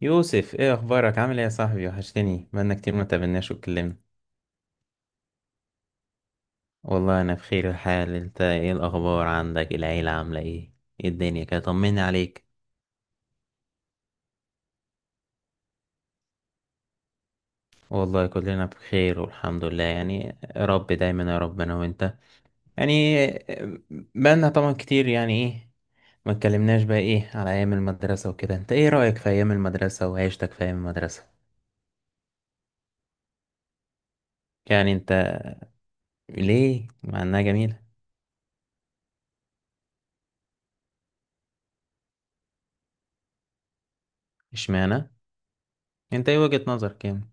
يوسف، ايه اخبارك؟ عامل ايه يا صاحبي؟ وحشتني، بقالنا كتير ما تقابلناش واتكلمنا. والله انا بخير الحال. انت ايه الاخبار؟ عندك العيله عامله ايه؟ ايه الدنيا كده؟ طمني عليك. والله كلنا بخير والحمد لله يعني. يا رب دايما، يا رب انا وانت يعني. بقالنا طبعا كتير يعني، ايه، ما اتكلمناش بقى، ايه، على ايام المدرسه وكده. انت ايه رايك في ايام المدرسه وعيشتك في ايام المدرسه؟ يعني انت ليه مع انها جميله؟ اشمعنى؟ انت ايه وجهه نظرك يعني؟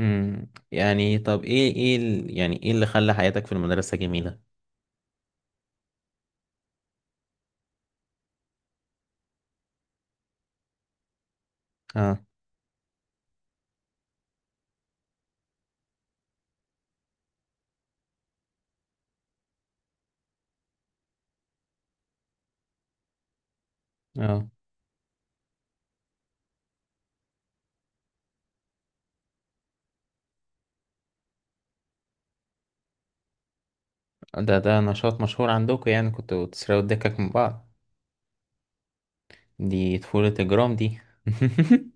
يعني طب ايه يعني ايه اللي خلى حياتك في المدرسة جميلة؟ اه، اه. ده نشاط مشهور عندكم؟ يعني كنتوا بتسرقوا الدكك من بعض؟ دي طفولة اجرام دي.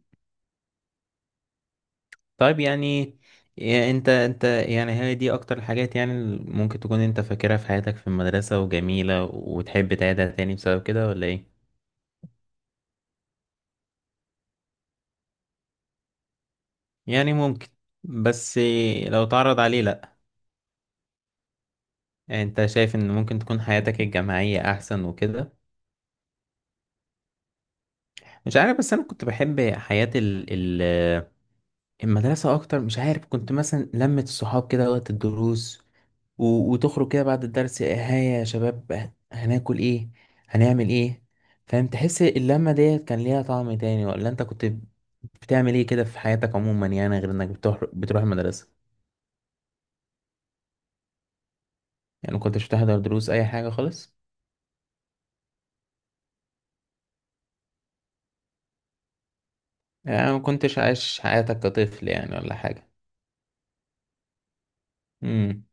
طيب يعني، إيه، انت يعني هي دي اكتر الحاجات يعني اللي ممكن تكون انت فاكرها في حياتك في المدرسة وجميلة وتحب تعيدها تاني بسبب كده ولا ايه؟ يعني ممكن بس. لو تعرض عليه لا. يعني انت شايف ان ممكن تكون حياتك الجامعية احسن وكده؟ مش عارف بس انا كنت بحب حياة ال المدرسة اكتر. مش عارف كنت مثلا لمة الصحاب كده وقت الدروس، وتخرج كده بعد الدرس، هيا يا شباب هناكل ايه؟ هنعمل ايه؟ فاهم؟ تحس اللمة ديت كان ليها طعم تاني ولا انت كنت بتعمل ايه كده في حياتك عموما يعني غير انك بتروح المدرسة؟ يعني ما كنتش بتحضر دروس اي حاجة خالص؟ يعني ما كنتش عايش حياتك كطفل يعني ولا حاجة؟ امم.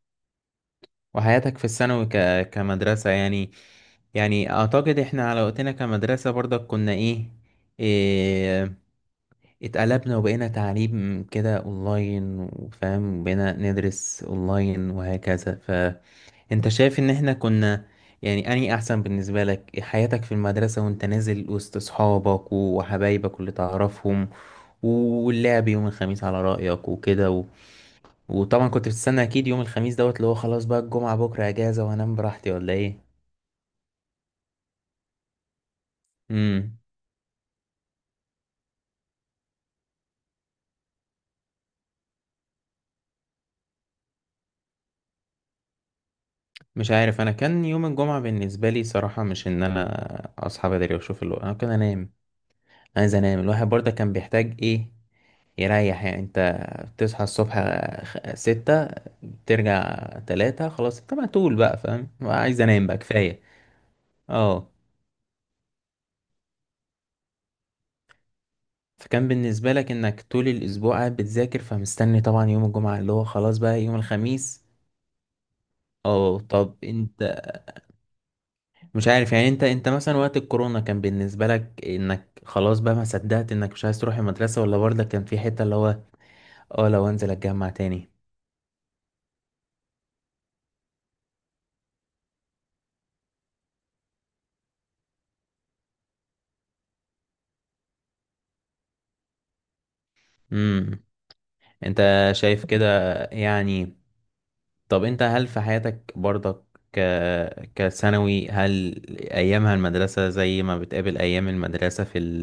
وحياتك في الثانوي كمدرسة يعني. يعني اعتقد احنا على وقتنا كمدرسة برضك كنا إيه، اتقلبنا وبقينا تعليم كده اونلاين وفاهم، بقينا ندرس اونلاين وهكذا. فانت شايف ان احنا كنا يعني اني احسن بالنسبة لك حياتك في المدرسة وانت نازل وسط اصحابك وحبايبك اللي تعرفهم واللعب يوم الخميس على رأيك وكده. وطبعا كنت بتستنى اكيد يوم الخميس دوت اللي هو خلاص بقى الجمعة بكرة اجازة وهنام براحتي ولا ايه؟ امم مش عارف، انا كان يوم الجمعة بالنسبة لي صراحة مش ان انا اصحى بدري واشوف الوقت. انا كان انام، عايز انام. الواحد برضه كان بيحتاج ايه، يريح. يعني انت بتصحى الصبح 6، ترجع 3، خلاص انت مقتول بقى، فاهم، عايز انام بقى، كفاية. اه. فكان بالنسبة لك انك طول الاسبوع قاعد بتذاكر فمستني طبعا يوم الجمعة اللي هو خلاص بقى يوم الخميس. اه طب انت، مش عارف يعني، انت مثلا وقت الكورونا كان بالنسبة لك انك خلاص بقى ما صدقت انك مش عايز تروح المدرسة؟ ولا برضه كان في حتة اللي هو اه لو انزل اتجمع تاني؟ امم انت شايف كده يعني؟ طب انت هل في حياتك برضك ك كثانوي، هل ايامها المدرسة زي ما بتقابل ايام المدرسة في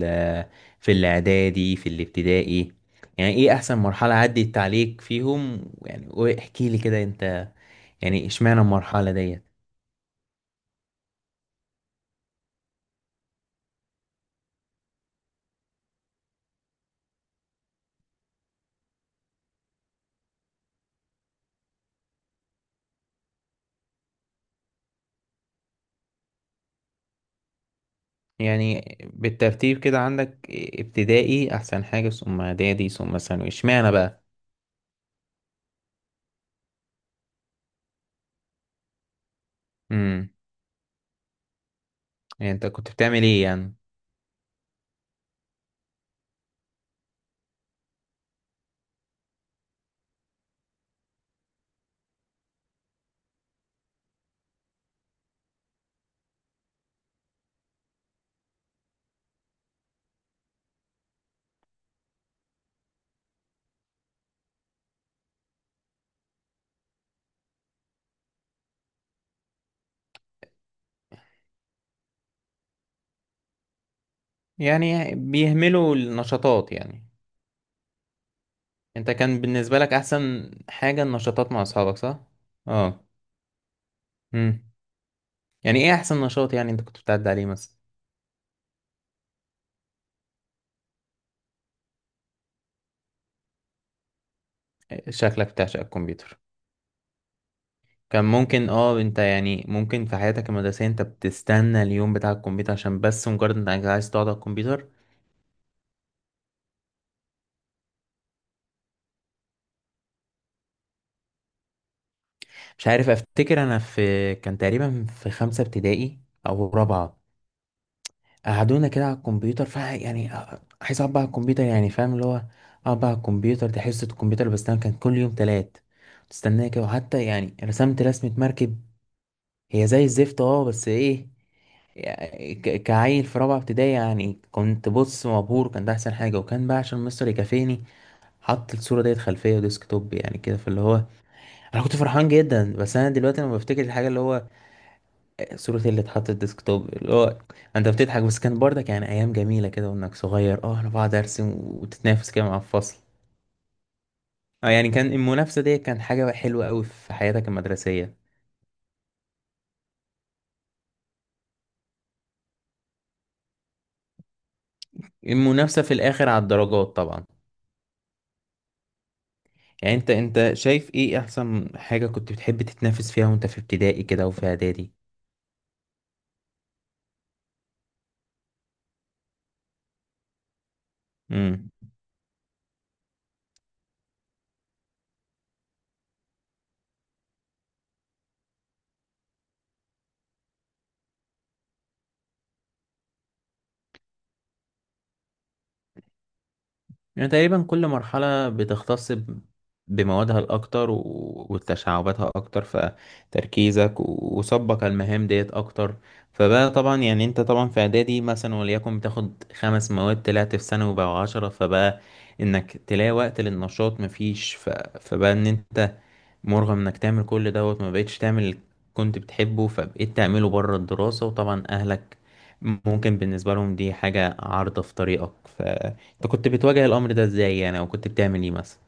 في الاعدادي، في الابتدائي؟ يعني ايه احسن مرحلة عدت عليك فيهم يعني؟ واحكي لي كده انت، يعني اشمعنى المرحلة ديت؟ يعني بالترتيب كده عندك ابتدائي احسن حاجه، ثم اعدادي، ثم ثانوي، اشمعنى بقى؟ امم يعني انت كنت بتعمل ايه يعني؟ يعني بيهملوا النشاطات يعني؟ انت كان بالنسبه لك احسن حاجه النشاطات مع اصحابك، صح؟ اه. امم يعني ايه احسن نشاط يعني انت كنت بتعدي عليه مثلا؟ شكلك بتعشق الكمبيوتر. كان ممكن، انت يعني ممكن في حياتك المدرسيه انت بتستنى اليوم بتاع الكمبيوتر عشان بس مجرد انك عايز تقعد على الكمبيوتر. مش عارف افتكر انا، في كان تقريبا في خمسة ابتدائي او رابعة، قعدونا كده على الكمبيوتر، ف يعني عايز اقعد بقى على الكمبيوتر، يعني فاهم اللي هو اقعد بقى على الكمبيوتر، دي حصة الكمبيوتر بس. انا كان كل يوم تلات تستناه كده. وحتى يعني رسمت رسمة مركب، هي زي الزفت، بس ايه، يعني كعيل في رابعة ابتدائي يعني كنت بص مبهور، كان ده أحسن حاجة. وكان بقى عشان مستر يكافئني حط الصورة ديت خلفية وديسك توب، يعني كده فاللي هو أنا كنت فرحان جدا. بس أنا دلوقتي لما بفتكر الحاجة اللي هو صورة اللي اتحطت ديسكتوب اللي هو انت بتضحك. بس كان برضه يعني ايام جميلة كده، وانك صغير، انا بقعد ارسم وتتنافس كده مع الفصل. اه يعني كان المنافسة دي كان حاجة حلوة قوي في حياتك المدرسية. المنافسة في الاخر على الدرجات طبعا. يعني انت شايف ايه احسن حاجة كنت بتحب تتنافس فيها وانت في ابتدائي كده وفي اعدادي؟ يعني تقريبا كل مرحلة بتختص بموادها الأكتر وتشعباتها أكتر، فتركيزك وصبك على المهام ديت أكتر. فبقى طبعا يعني أنت طبعا في إعدادي مثلا وليكن بتاخد خمس مواد، طلعت في ثانوي بقى 10، فبقى إنك تلاقي وقت للنشاط مفيش. فبقى إن أنت مرغم انك تعمل كل دوت، ما بقتش تعمل اللي كنت بتحبه، فبقيت تعمله بره الدراسة. وطبعا اهلك ممكن بالنسبة لهم دي حاجة عارضة في طريقك، فانت كنت بتواجه الامر ده ازاي يعني؟ او كنت بتعمل ايه مثلا؟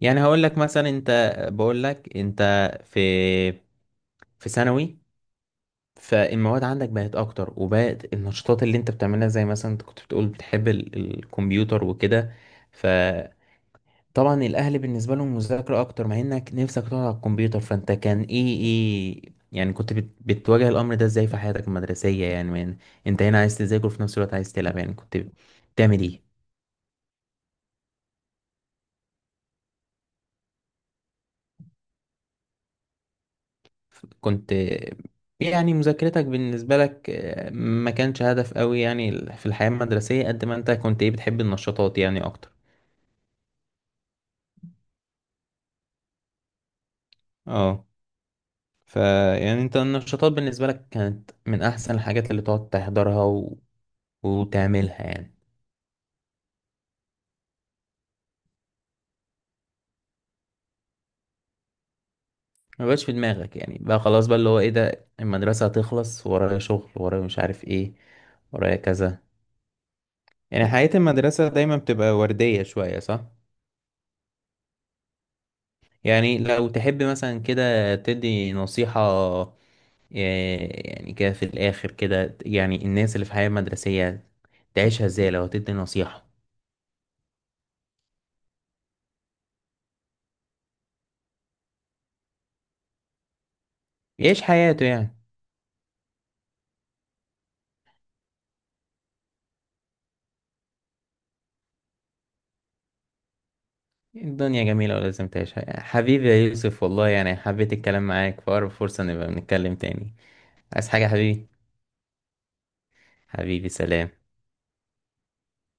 يعني هقول لك مثلا، انت بقول لك انت في في ثانوي، فالمواد عندك بقت اكتر، وبقت النشاطات اللي انت بتعملها زي مثلا انت كنت بتقول بتحب الكمبيوتر وكده. ف طبعا الاهل بالنسبه لهم مذاكره اكتر مع انك نفسك تقعد على الكمبيوتر، فانت كان ايه يعني كنت بتواجه الامر ده ازاي في حياتك المدرسيه يعني؟ من انت هنا عايز تذاكر وفي نفس الوقت عايز تلعب، يعني كنت بتعمل ايه؟ كنت يعني مذاكرتك بالنسبه لك، ما كانش هدف قوي يعني في الحياه المدرسيه قد ما انت كنت ايه بتحب النشاطات يعني اكتر. اه ف يعني انت النشاطات بالنسبه لك كانت من احسن الحاجات اللي تقعد تحضرها وتعملها يعني. ما بقاش في دماغك يعني، بقى خلاص بقى اللي هو ايه، ده المدرسة هتخلص ورايا شغل، ورايا مش عارف ايه، ورايا كذا، يعني حياة المدرسة دايما بتبقى وردية شوية صح؟ يعني لو تحب مثلا كده تدي نصيحة، يعني كده في الآخر كده يعني الناس اللي في حياة مدرسية تعيشها ازاي لو تدي نصيحة؟ يعيش حياته يعني. الدنيا جميلة ولازم تعيشها حبيبي يا يوسف والله. يعني حبيت الكلام معاك، في أقرب فرصة نبقى بنتكلم تاني. عايز حاجة يا حبيبي؟ حبيبي سلام.